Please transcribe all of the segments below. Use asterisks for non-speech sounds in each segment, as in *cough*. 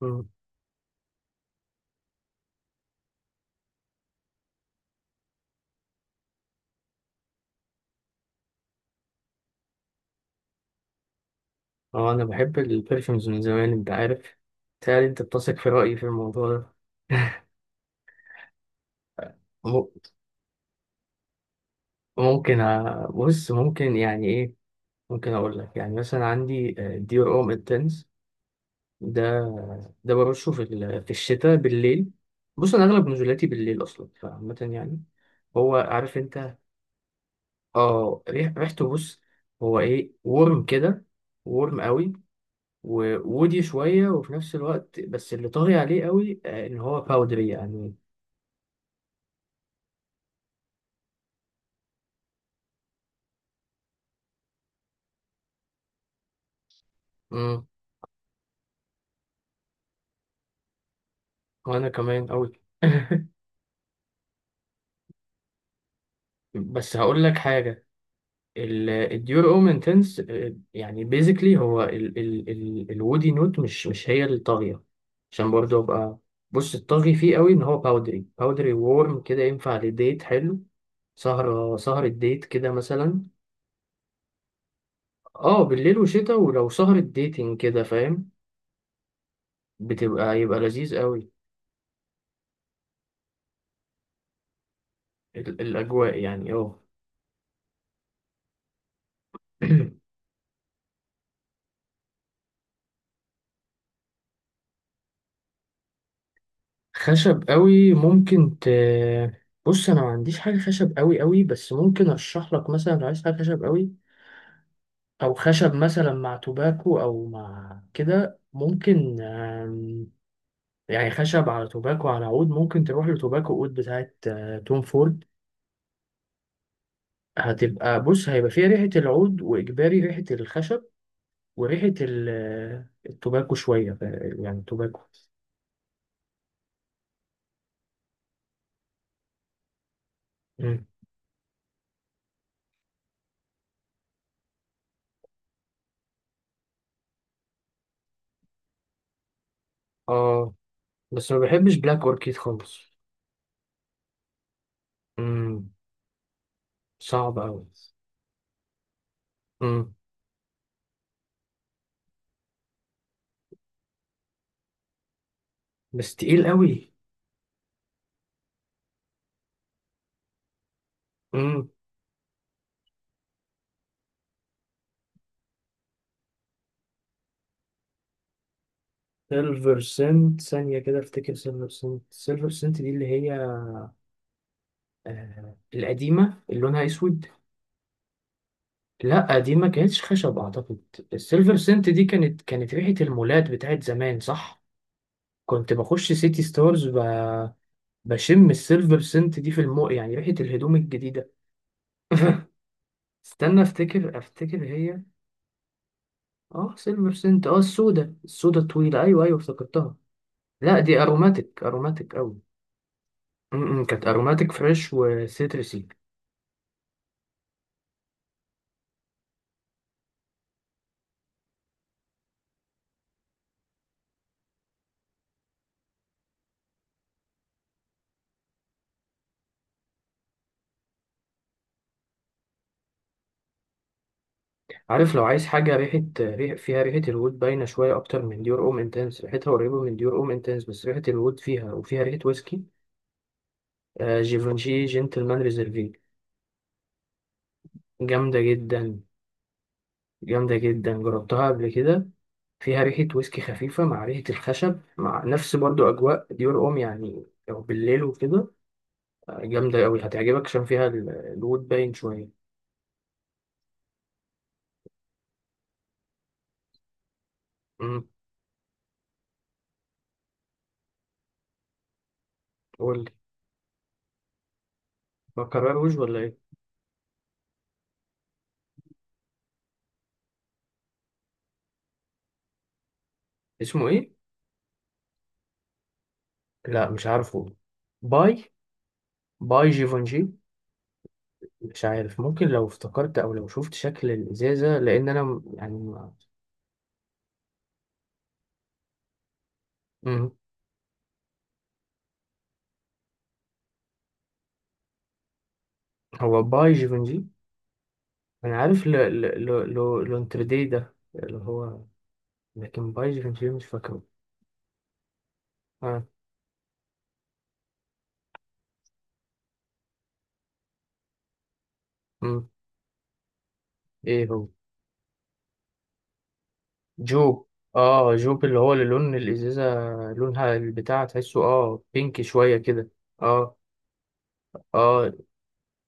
مم. اه انا بحب البرفيومز من زمان انت عارف. تهيألي انت بتثق في رأيي في الموضوع ده. *laughs* م- بص ممكن يعني ايه. ممكن اقول لك يعني مثلا عندي ديور اوم انتنس. ده ده برشه في في الشتاء بالليل. بص انا اغلب نزولاتي بالليل اصلا فعامة يعني هو عارف انت. اه، ريحته بص. هو ايه ورم كده، ورم قوي، وودي شوية، وفي نفس الوقت بس اللي طاغي عليه قوي آه، ان هو باودري يعني. امم. وانا كمان قوي. *laughs* بس هقول لك حاجة. الديور اوم انتنس يعني بيزيكلي هو ال ال ال الودي نوت مش هي اللي طاغية عشان برضه ابقى. بص الطاغي فيه قوي ان هو باودري باودري وورم كده، ينفع لديت حلو. سهرة ديت كده مثلا. اه بالليل وشتا، ولو سهرة ديتنج كده فاهم، يبقى لذيذ قوي. الأجواء يعني اه. *clears throat* خشب قوي ممكن بص أنا ما عنديش حاجة خشب قوي قوي، بس ممكن أرشح لك مثلا لو عايز حاجة خشب قوي أو خشب مثلا مع توباكو أو مع كده ممكن آم،. يعني خشب على توباكو على عود، ممكن تروح لتوباكو عود بتاعت آه، توم فورد. بص هيبقى فيها ريحة العود وإجباري ريحة الخشب وريحة التوباكو شوية يعني توباكو. مم. اه بس ما بحبش بلاك اوركيد خالص. امم صعب قوي. امم بس تقيل قوي. امم. سيلفر سنت ثانية كده، افتكر سيلفر سنت دي اللي هي آه القديمة اللي لونها اسود. لا دي ما كانتش خشب اعتقد. السيلفر سنت دي كانت ريحة المولات بتاعت زمان صح. كنت بخش سيتي ستارز بشم السيلفر سنت دي في المو يعني ريحة الهدوم الجديدة. *laughs* استنى افتكر هي اه سيلفر سنت، اه السودة السودة الطويلة، ايوه ايوه افتكرتها. لا دي اروماتيك اروماتيك اوي. م- م، كانت اروماتيك فريش وسيترسي. عارف لو عايز حاجة ريحة ريح فيها ريحة الوود باينة شوية أكتر من ديور أم انتنس، ريحتها قريبة من ديور أم انتنس بس ريحة الوود فيها وفيها ريحة ويسكي. آه جيفانشي جنتلمان ريزرفي، جامدة جدا. جامدة جدا، جربتها قبل كده، فيها ريحة ويسكي خفيفة مع ريحة الخشب مع نفس برضو أجواء ديور أم، يعني لو بالليل وكده. جامدة أوي، هتعجبك عشان فيها الوود باين شوية. امم. قولي. بكرر وج ولا إيه. اسمه إيه؟ لا مش عارفه. باي. باي جيفونجي مش عارف، ممكن لو افتكرت أو لو شفت شكل الإزازة لأن أنا يعني مم. هو باي جيفونجي. أنا عارف ل ل ل ل لونتردي ده اللي هو، لكن باي جيفونجي مش فاكره. آه. مم. ايه هو. جو. اه جوب، اللي هو اللي لون الازازه، لونها البتاع تحسه اه بينك شويه كده. اه اه.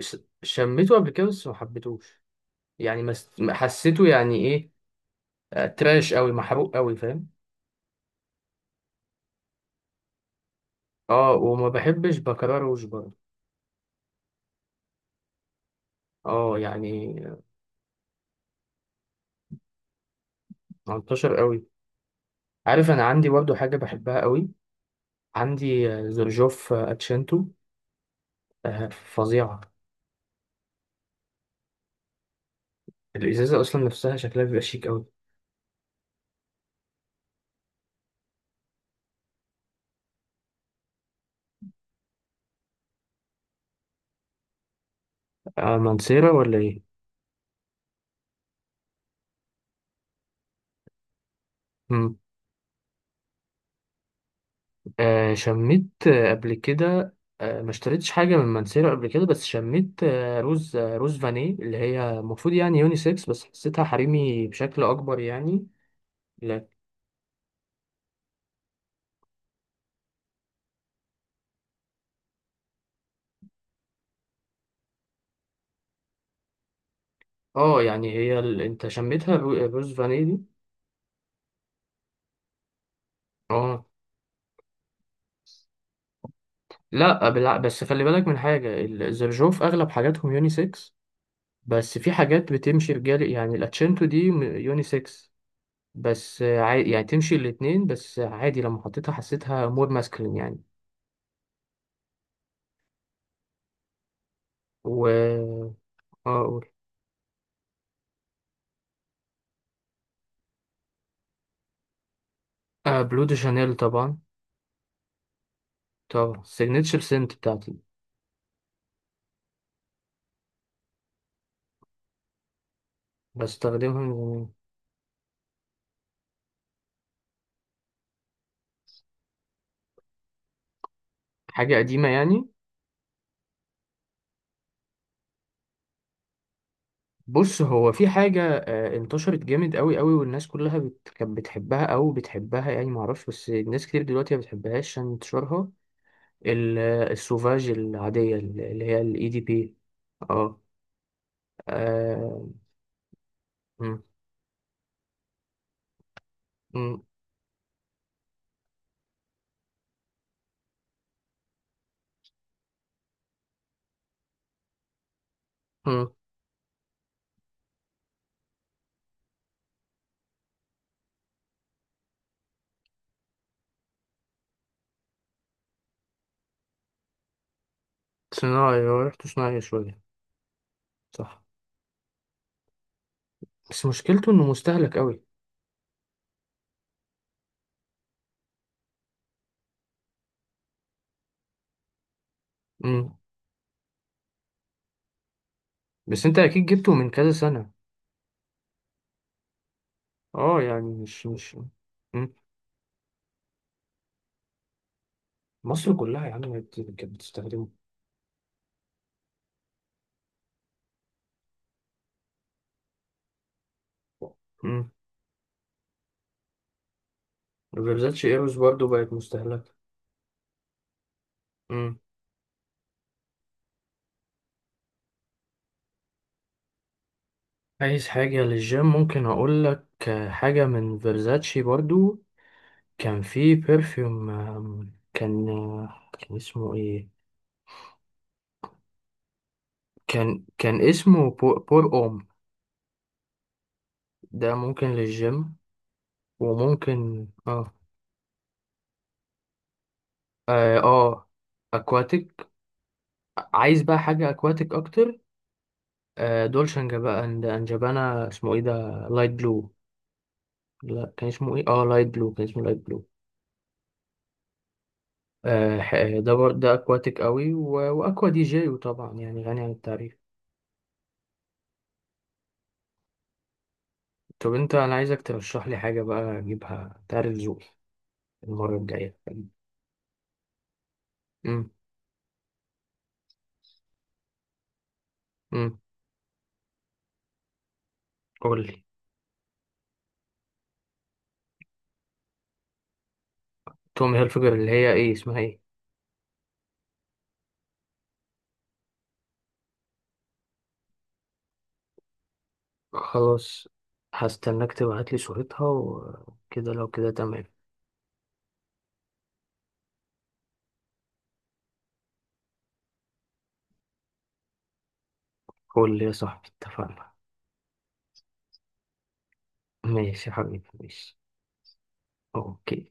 ش- شميته قبل كده بس ما حبيتهوش، يعني ما حسيته يعني ايه. آه، تراش قوي محروق قوي فاهم. اه وما بحبش بكرروش برضه. اه يعني منتشر قوي. عارف انا عندي برضه حاجه بحبها قوي. عندي آه، زرجوف آه، اتشنتو. آه، فظيعه. الازازه اصلا نفسها شكلها بيبقى شيك قوي. آه، منصيرة ولا ايه. مم. آه شميت آه، قبل كده. آه ما اشتريتش حاجة من منسيرو قبل كده، بس شميت آه روز آه روز فاني اللي هي المفروض يعني يونيسكس بس حسيتها حريمي بشكل أكبر يعني. لا. اه يعني هي انت شميتها روز فاني دي. اه. لا بس خلي بالك من حاجة الزرجوف أغلب حاجاتهم يونيسكس، بس في حاجات بتمشي رجال، يعني الاتشنتو دي يونيسكس، بس آه، عادي يعني تمشي الاتنين، بس عادي لما حطيتها حسيتها مور ماسكلين يعني. و اقول. آه بلو دي شانيل طبعا. طبعا سيجنتشر سنت بتاعتي، بستخدمها من زمان. حاجة قديمة يعني. بص هو في حاجة آه انتشرت جامد قوي قوي والناس كلها كانت بتحبها او بتحبها يعني معرفش، بس ناس كتير دلوقتي ما بتحبهاش عشان انتشارها. آه، السوفاج العادية اللي هي الاي دي بي. اه. آه، مم، مم، مم. صناعي، هو ريحته صناعي شوية صح. بس مشكلته انه مستهلك قوي. مم. بس انت اكيد جبته من كذا سنة. اه يعني مش. مم. مصر كلها يا عم كانت بتستخدمه. مم. وفيرزاتشي ايروز برضو بقت مستهلكة. مم. عايز حاجة للجيم، ممكن أقول لك حاجة من فيرزاتشي برضو. كان في بيرفيوم آم، كان آه، كان اسمه ايه. كان اسمه بور اوم. ده ممكن للجيم. وممكن اه اه, آه. اكواتيك. عايز بقى حاجة اكواتيك اكتر. آه، دولشنجا بقى عند انجبانا اسمه ايه ده. لايت بلو. لا كان اسمه ايه اه لايت بلو كان اسمه لايت بلو. آه آه، ده ده اكواتيك قوي واكوا دي جي وطبعا يعني غني عن التعريف. طب انت انا عايزك ترشح لي حاجه بقى اجيبها، تعرف ذوقي، المره الجايه. امم. امم. قول لي. تومي هيلفيجر اللي هي ايه اسمها ايه. خلاص. هستناك تبعت لي صورتها وكده، لو كده تمام. قول لي يا صاحبي اتفقنا. ماشي يا حبيبي ماشي. اوكي.